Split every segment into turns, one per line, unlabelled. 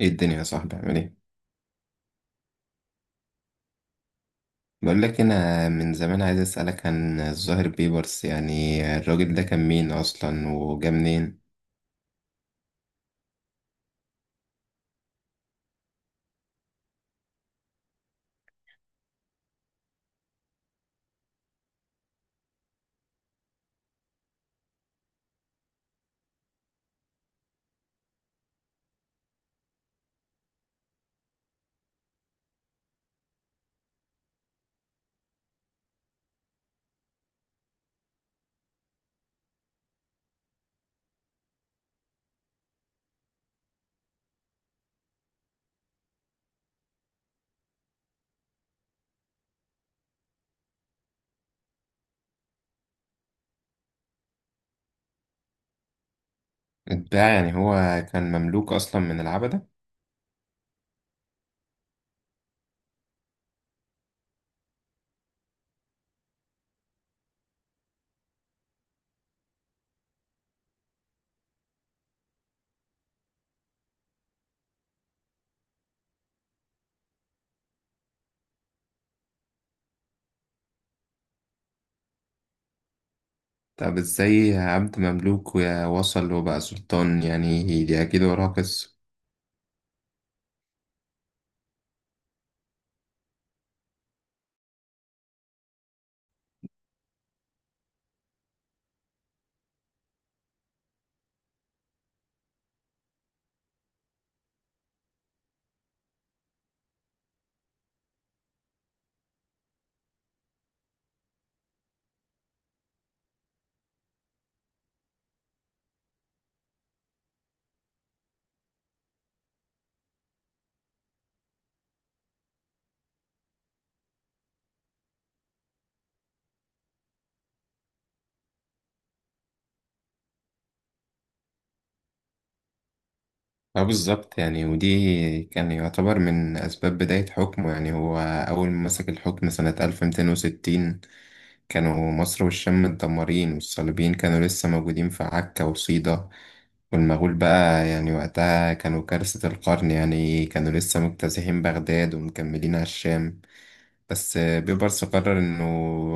ايه الدنيا يا صاحبي عامل ايه؟ بقول لك انا من زمان عايز اسالك عن الظاهر بيبرس، يعني الراجل ده كان مين اصلا وجا منين؟ اتباع يعني هو كان مملوك اصلا من العبدة؟ طب ازاي عبد مملوك ووصل وبقى سلطان؟ يعني دي اكيد وراها قصة. اه بالظبط، يعني ودي كان يعتبر من أسباب بداية حكمه. يعني هو أول ما مسك الحكم سنة 1260 كانوا مصر والشام متدمرين، والصليبيين كانوا لسه موجودين في عكا وصيدا، والمغول بقى يعني وقتها كانوا كارثة القرن، يعني كانوا لسه مجتازحين بغداد ومكملين على الشام. بس بيبرس قرر إنه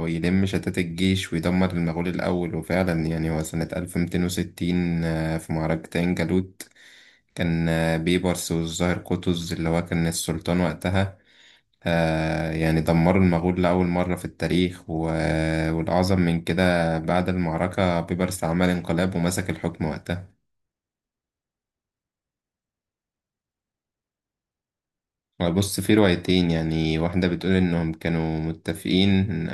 يلم شتات الجيش ويدمر المغول الأول، وفعلا يعني هو سنة 1260 في معركة عين جالوت كان بيبرس والظاهر قطز اللي هو كان السلطان وقتها. يعني دمروا المغول لأول مرة في التاريخ، والأعظم من كده بعد المعركة بيبرس عمل انقلاب ومسك الحكم وقتها. بص في روايتين، يعني واحدة بتقول إنهم كانوا متفقين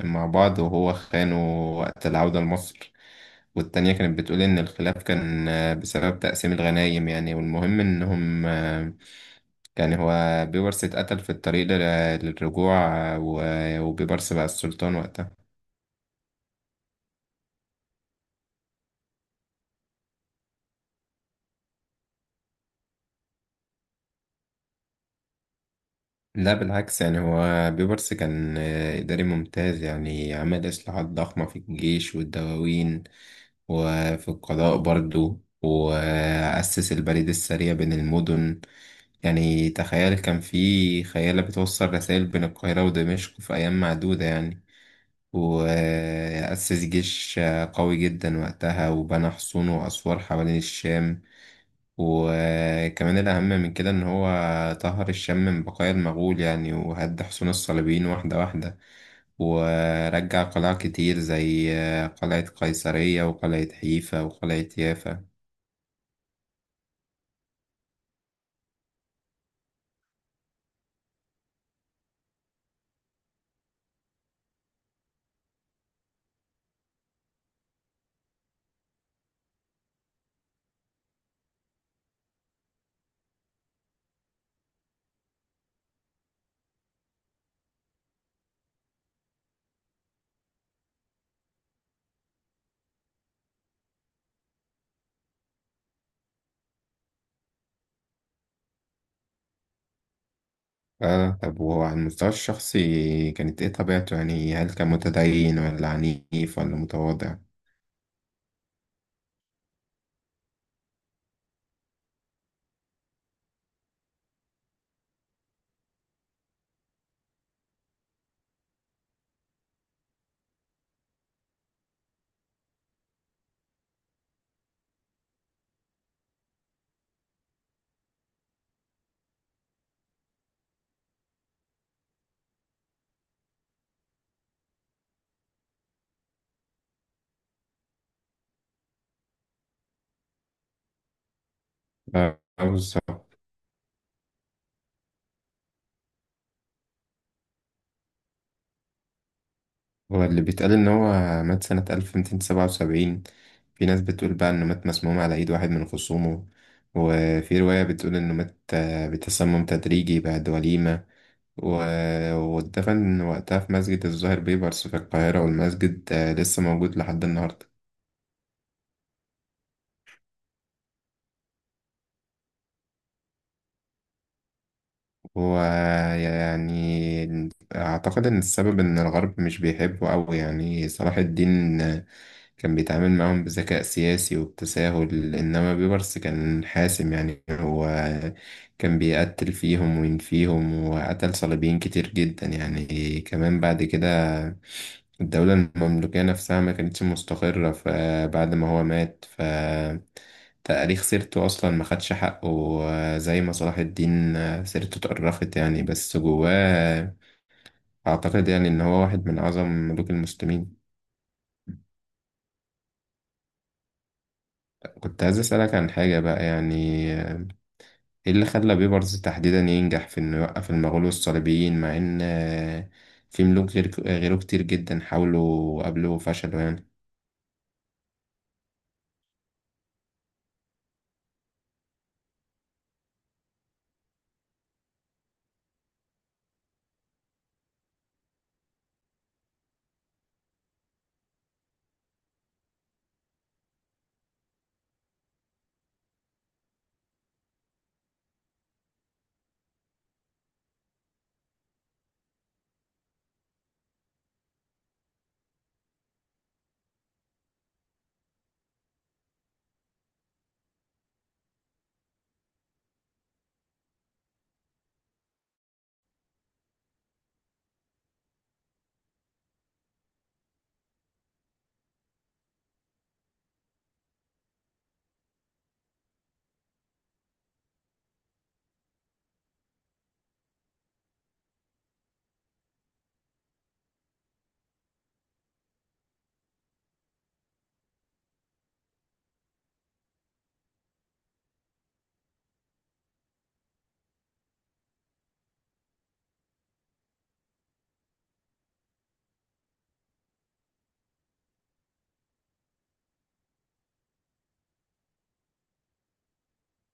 مع بعض وهو خانه وقت العودة لمصر، والتانية كانت بتقول إن الخلاف كان بسبب تقسيم الغنايم. يعني والمهم إنهم، يعني هو بيبرس اتقتل في الطريق للرجوع، وبيبرس بقى السلطان وقتها. لا بالعكس، يعني هو بيبرس كان إداري ممتاز. يعني عمل إصلاحات ضخمة في الجيش والدواوين وفي القضاء برضو، وأسس البريد السريع بين المدن. يعني تخيل كان في خيالة بتوصل رسائل بين القاهرة ودمشق في أيام معدودة يعني. وأسس جيش قوي جدا وقتها، وبنى حصون وأسوار حوالين الشام. وكمان الأهم من كده إن هو طهر الشام من بقايا المغول، يعني وهد حصون الصليبيين واحدة واحدة، ورجع قلاع كتير زي قلعة قيصرية وقلعة حيفا وقلعة يافا. آه طب وهو على المستوى الشخصي كانت إيه طبيعته؟ يعني هل كان متدين ولا عنيف ولا متواضع؟ بالظبط. هو اللي بيتقال إن هو مات سنة 1277. في ناس بتقول بقى إنه مات مسموم على إيد واحد من خصومه، وفي رواية بتقول إنه مات بتسمم تدريجي بعد وليمة، واتدفن وقتها في مسجد الزهر بيبرس في القاهرة، والمسجد لسه موجود لحد النهاردة. هو يعني أعتقد إن السبب إن الغرب مش بيحبه أوي. يعني صلاح الدين كان بيتعامل معاهم بذكاء سياسي وبتساهل، إنما بيبرس كان حاسم. يعني هو كان بيقتل فيهم وينفيهم، وقتل صليبيين كتير جدا يعني. كمان بعد كده الدولة المملوكية نفسها ما كانتش مستقرة، فبعد ما هو مات ف تاريخ سيرته أصلا ما خدش حقه زي ما صلاح الدين سيرته اتقرفت يعني. بس جواه أعتقد يعني إن هو واحد من أعظم ملوك المسلمين. كنت عايز أسألك عن حاجة بقى، يعني ايه اللي خلى بيبرز تحديدا ينجح في انه يوقف المغول والصليبيين، مع ان في ملوك غير غيره كتير جدا حاولوا وقابلوا وفشلوا يعني.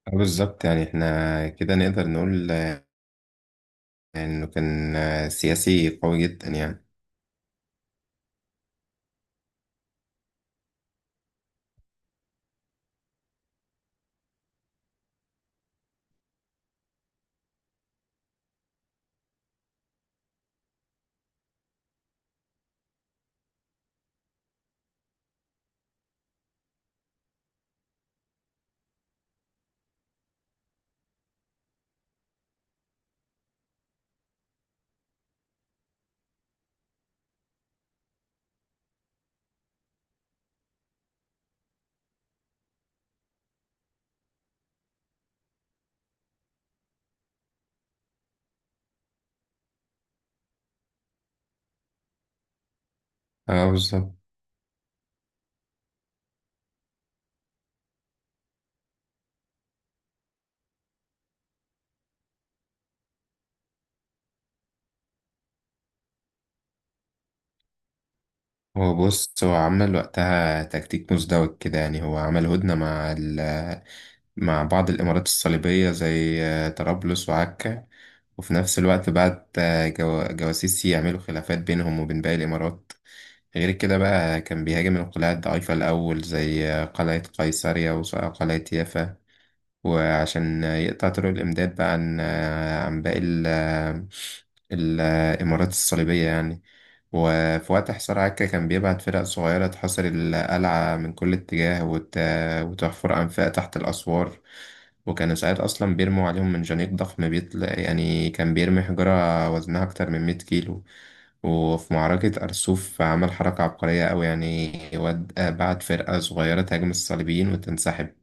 بالظبط، يعني احنا كده نقدر نقول انه كان سياسي قوي جدا يعني. اه بالظبط. هو بص هو عمل وقتها تكتيك مزدوج كده، يعني هو عمل هدنة مع ال مع بعض الإمارات الصليبية زي طرابلس وعكا، وفي نفس الوقت بعت جواسيس يعملوا خلافات بينهم وبين باقي الإمارات. غير كده بقى كان بيهاجم القلاع الضعيفة الأول زي قلعة قيصرية وقلعة يافا، وعشان يقطع طرق الإمداد بقى عن عن باقي الإمارات الصليبية يعني. وفي وقت حصار عكا كان بيبعت فرق صغيرة تحاصر القلعة من كل اتجاه، وتحفر أنفاق تحت الأسوار، وكانوا ساعات أصلا بيرموا عليهم من جنيق ضخم بيطلع، يعني كان بيرمي حجرة وزنها أكتر من مية كيلو. وفي معركة أرسوف عمل حركة عبقرية أوي، يعني بعت فرقة صغيرة تهاجم الصليبيين وتنسحب،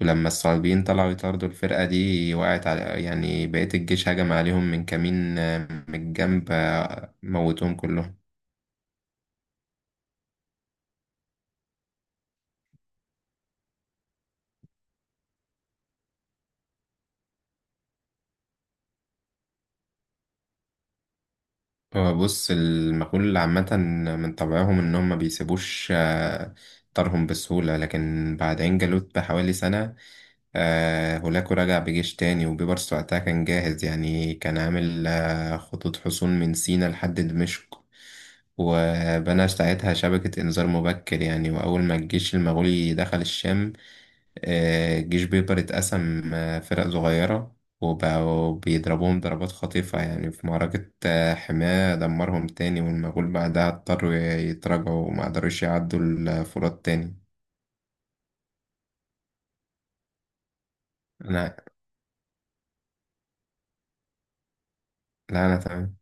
ولما الصليبيين طلعوا يطاردوا الفرقة دي وقعت على يعني بقية الجيش، هجم عليهم من كمين من الجنب موتوهم كلهم. هو بص المغول عامة من طبعهم إنهم ما بيسيبوش طارهم بسهولة، لكن بعد عين جالوت بحوالي سنة هولاكو رجع بجيش تاني، وبيبرس وقتها كان جاهز، يعني كان عامل خطوط حصون من سينا لحد دمشق، وبنى ساعتها شبكة إنذار مبكر. يعني وأول ما الجيش المغولي دخل الشام الجيش بيقدر يتقسم فرق صغيرة، وبقوا بيضربوهم ضربات خطيفة، يعني في معركة حماة دمرهم تاني، والمغول بعدها اضطروا يتراجعوا وما قدروش يعدوا الفرات تاني. لا، أنا تمام.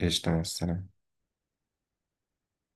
قشطة مع السلامة.